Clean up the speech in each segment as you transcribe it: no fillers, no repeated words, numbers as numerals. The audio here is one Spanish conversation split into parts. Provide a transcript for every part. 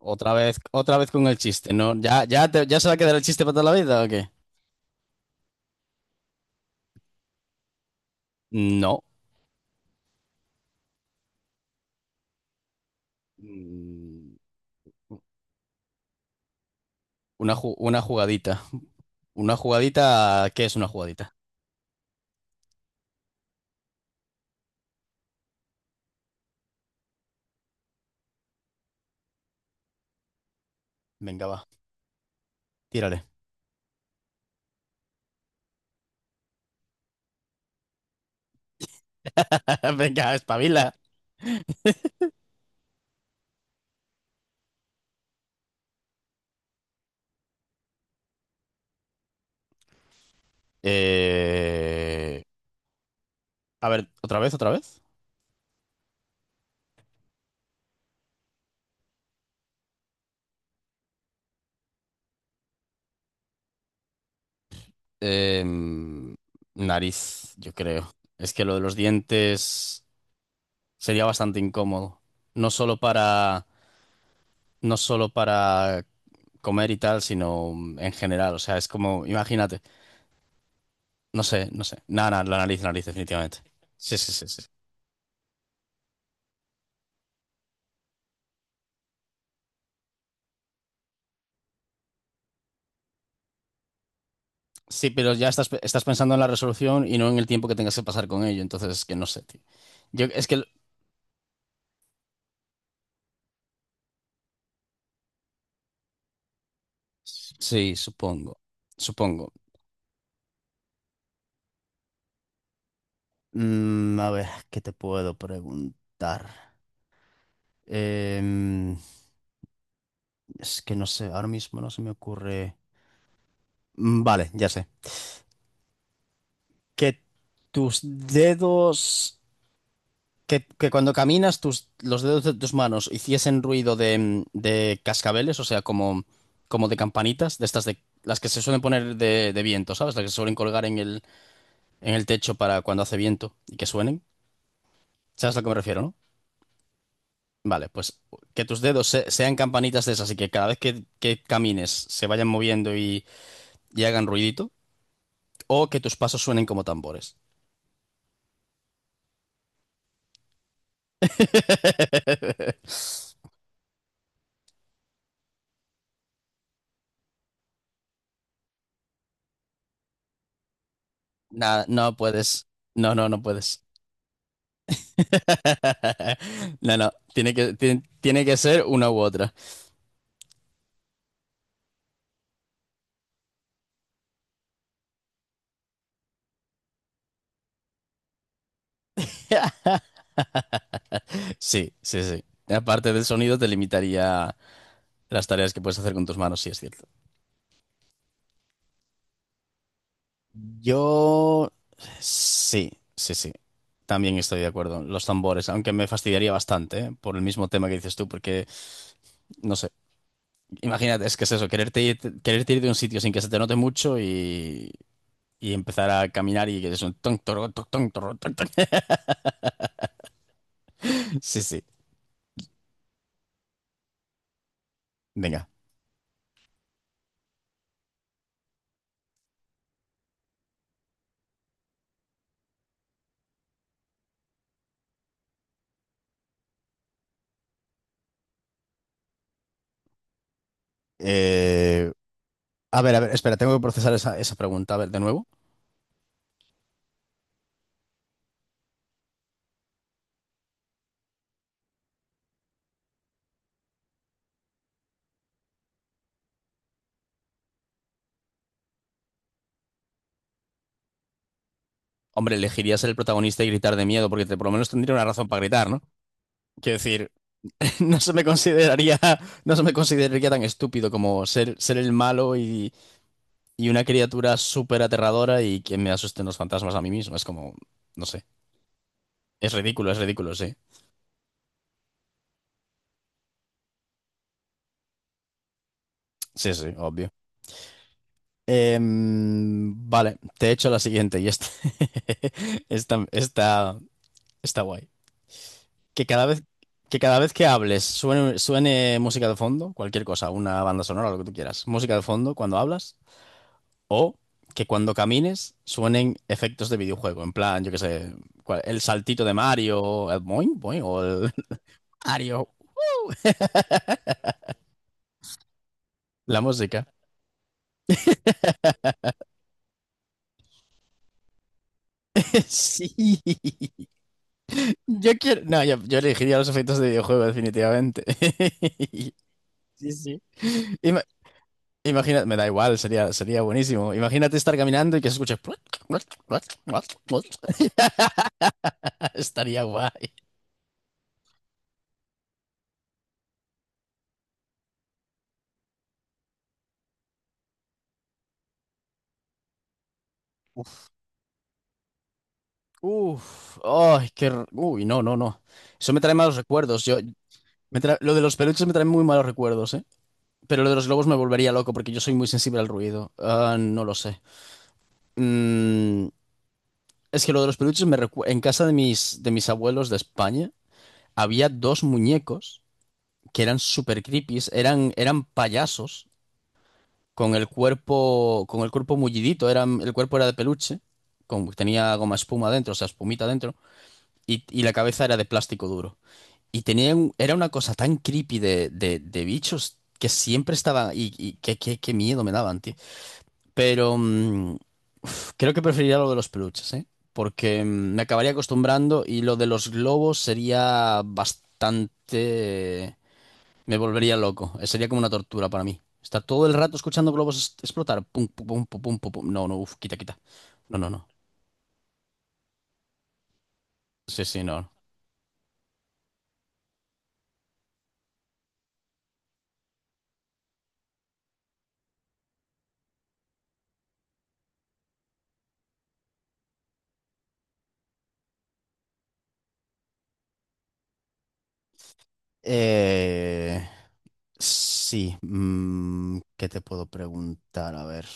Otra vez con el chiste, ¿no? ¿Ya se va a quedar el chiste para toda la vida o qué? No. Mm, una, una jugadita. Una jugadita. ¿Qué es una jugadita? Venga, va. Tírale. Venga, espabila. Eh, A ver, otra vez, otra vez. Em, nariz, yo creo. Es que lo de los dientes sería bastante incómodo. No solo para. No solo para comer y tal, sino en general. O sea, es como. Imagínate. No sé, no sé. Nada, nada, la nariz, definitivamente. Sí, sí, sí, sí. Sí, pero ya estás pensando en la resolución y no en el tiempo que tengas que pasar con ello. Entonces, es que no sé, tío. Yo, es que, sí, supongo. Supongo. Mm, a ver, ¿qué te puedo preguntar? Em, es que no sé, ahora mismo no se me ocurre. Mm, vale, ya sé. Que tus dedos que cuando caminas tus, los dedos de tus manos hiciesen ruido de cascabeles, o sea, como, como de campanitas, de estas de las que se suelen poner de viento, ¿sabes? Las que se suelen colgar en el techo para cuando hace viento y que suenen. ¿Sabes a lo que me refiero, no? Vale, pues que tus dedos sean campanitas de esas y que cada vez que camines se vayan moviendo y hagan ruidito, o que tus pasos suenen como tambores. Nada, no puedes. No, no, no puedes. No, no, tiene que ser una u otra. Sí, sí, sí. Aparte del sonido, te limitaría las tareas que puedes hacer con tus manos, sí, es cierto. Yo sí, sí, sí. También estoy de acuerdo. Los tambores, aunque me fastidiaría bastante, ¿eh? Por el mismo tema que dices tú, porque, no sé, imagínate, es que es eso, quererte ir de un sitio sin que se te note mucho y empezar a caminar y que es un ton, toro, ton, ton, toro, ton, ton. Sí, sí. Venga. Eh, A ver, a ver, espera, tengo que procesar esa pregunta. A ver, de nuevo. Hombre, elegirías ser el protagonista y gritar de miedo, porque por lo menos tendría una razón para gritar, ¿no? Quiero decir, no se me consideraría, no se me consideraría tan estúpido como ser, ser el malo y una criatura súper aterradora y que me asusten los fantasmas a mí mismo. Es como, no sé. Es ridículo, sí. Sí, sí, obvio. Em, vale, te he hecho la siguiente y esta, esta, está guay. Que cada vez que hables suene música de fondo, cualquier cosa, una banda sonora, lo que tú quieras. Música de fondo cuando hablas. O que cuando camines suenen efectos de videojuego. En plan, yo qué sé, el saltito de Mario, el boing boing o el Mario. ¡Uh! La música. Sí. Yo quiero. No, yo elegiría los efectos de videojuego, definitivamente. Sí, sí. Imagina, me da igual, sería buenísimo. Imagínate estar caminando y que se escuche. Estaría guay. Uf, ay, qué. Uy, no, no, no. Eso me trae malos recuerdos. Yo, lo de los peluches me trae muy malos recuerdos, ¿eh? Pero lo de los globos me volvería loco porque yo soy muy sensible al ruido. Ah, no lo sé. Mm, es que lo de los peluches en casa de mis abuelos de España había dos muñecos que eran super creepies, eran, eran payasos con el cuerpo mullidito, era, el cuerpo era de peluche, con, tenía goma espuma dentro, o sea, espumita dentro, y la cabeza era de plástico duro. Y tenía era una cosa tan creepy de bichos que siempre estaban, y qué, qué miedo me daban, tío. Pero mm, uf, creo que preferiría lo de los peluches, ¿eh? Porque mm, me acabaría acostumbrando y lo de los globos sería bastante... Me volvería loco. Sería como una tortura para mí. Estar todo el rato escuchando globos explotar. Pum, pum, pum, pum, pum, pum, pum. No, no, uf, quita, quita. No, no, no. Sí, sí, no. Eh, sí. Mm, ¿qué te puedo preguntar? A ver,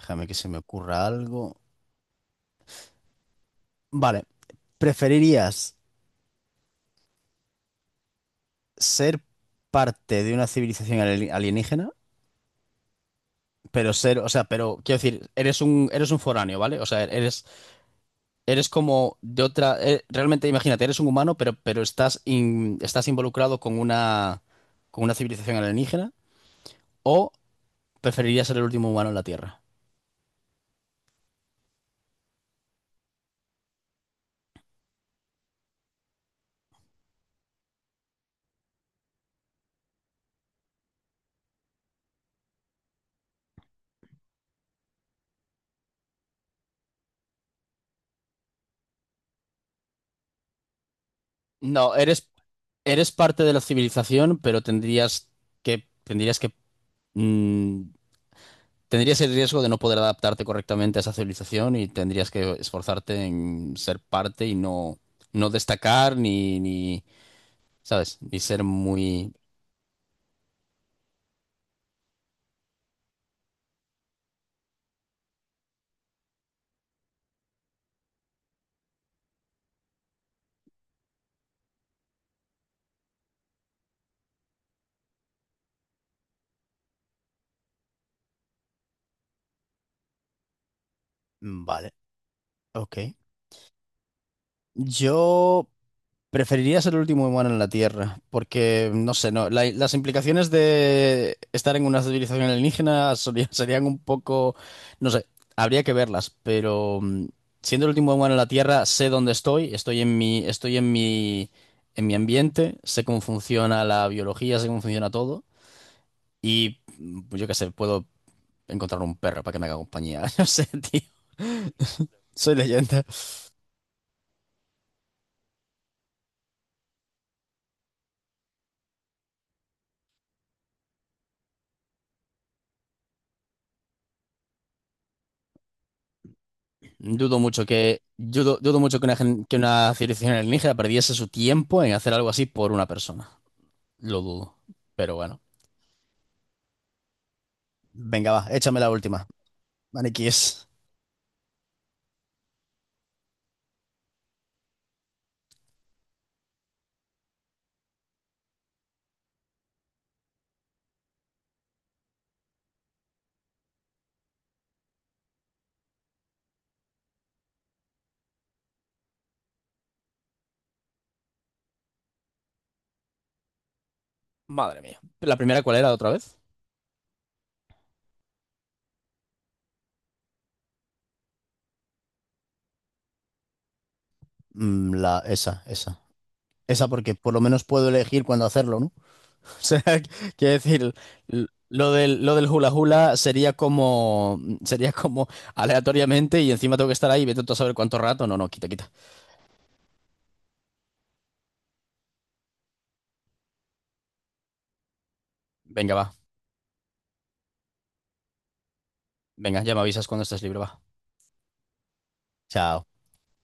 déjame que se me ocurra algo. Vale, ¿preferirías ser parte de una civilización alienígena? Pero ser, o sea, pero quiero decir, eres un foráneo, ¿vale? O sea, eres. Eres como de otra. Eh, realmente, imagínate, eres un humano, pero estás, estás involucrado con una civilización alienígena. ¿O preferirías ser el último humano en la Tierra? No, eres, eres parte de la civilización, pero tendrías que, mm, tendrías el riesgo de no poder adaptarte correctamente a esa civilización y tendrías que esforzarte en ser parte y no, no destacar ni, ni, ¿sabes? Ni ser muy... Vale, ok. Yo. Preferiría ser el último humano en la Tierra, porque, no sé, no, las implicaciones de estar en una civilización alienígena serían un poco, no sé, habría que verlas, pero mm, siendo el último humano en la Tierra, sé dónde estoy, en mi ambiente, sé cómo funciona la biología, sé cómo funciona todo, y mm, yo qué sé, puedo encontrar un perro para que me haga compañía, no sé, tío, soy leyenda. Yo dudo mucho que una, que una civilización alienígena perdiese su tiempo en hacer algo así por una persona. Lo dudo. Pero bueno. Venga, va, échame la última. Maniquíes. Madre mía. ¿La primera cuál era otra vez? Mm, la, esa, esa. Esa porque por lo menos puedo elegir cuándo hacerlo, ¿no? O sea, quiero decir, lo del hula hula sería como aleatoriamente y encima tengo que estar ahí, y vete tú a saber cuánto rato. No, no, quita, quita. Venga, va. Venga, ya me avisas cuando estés libre, va. Chao.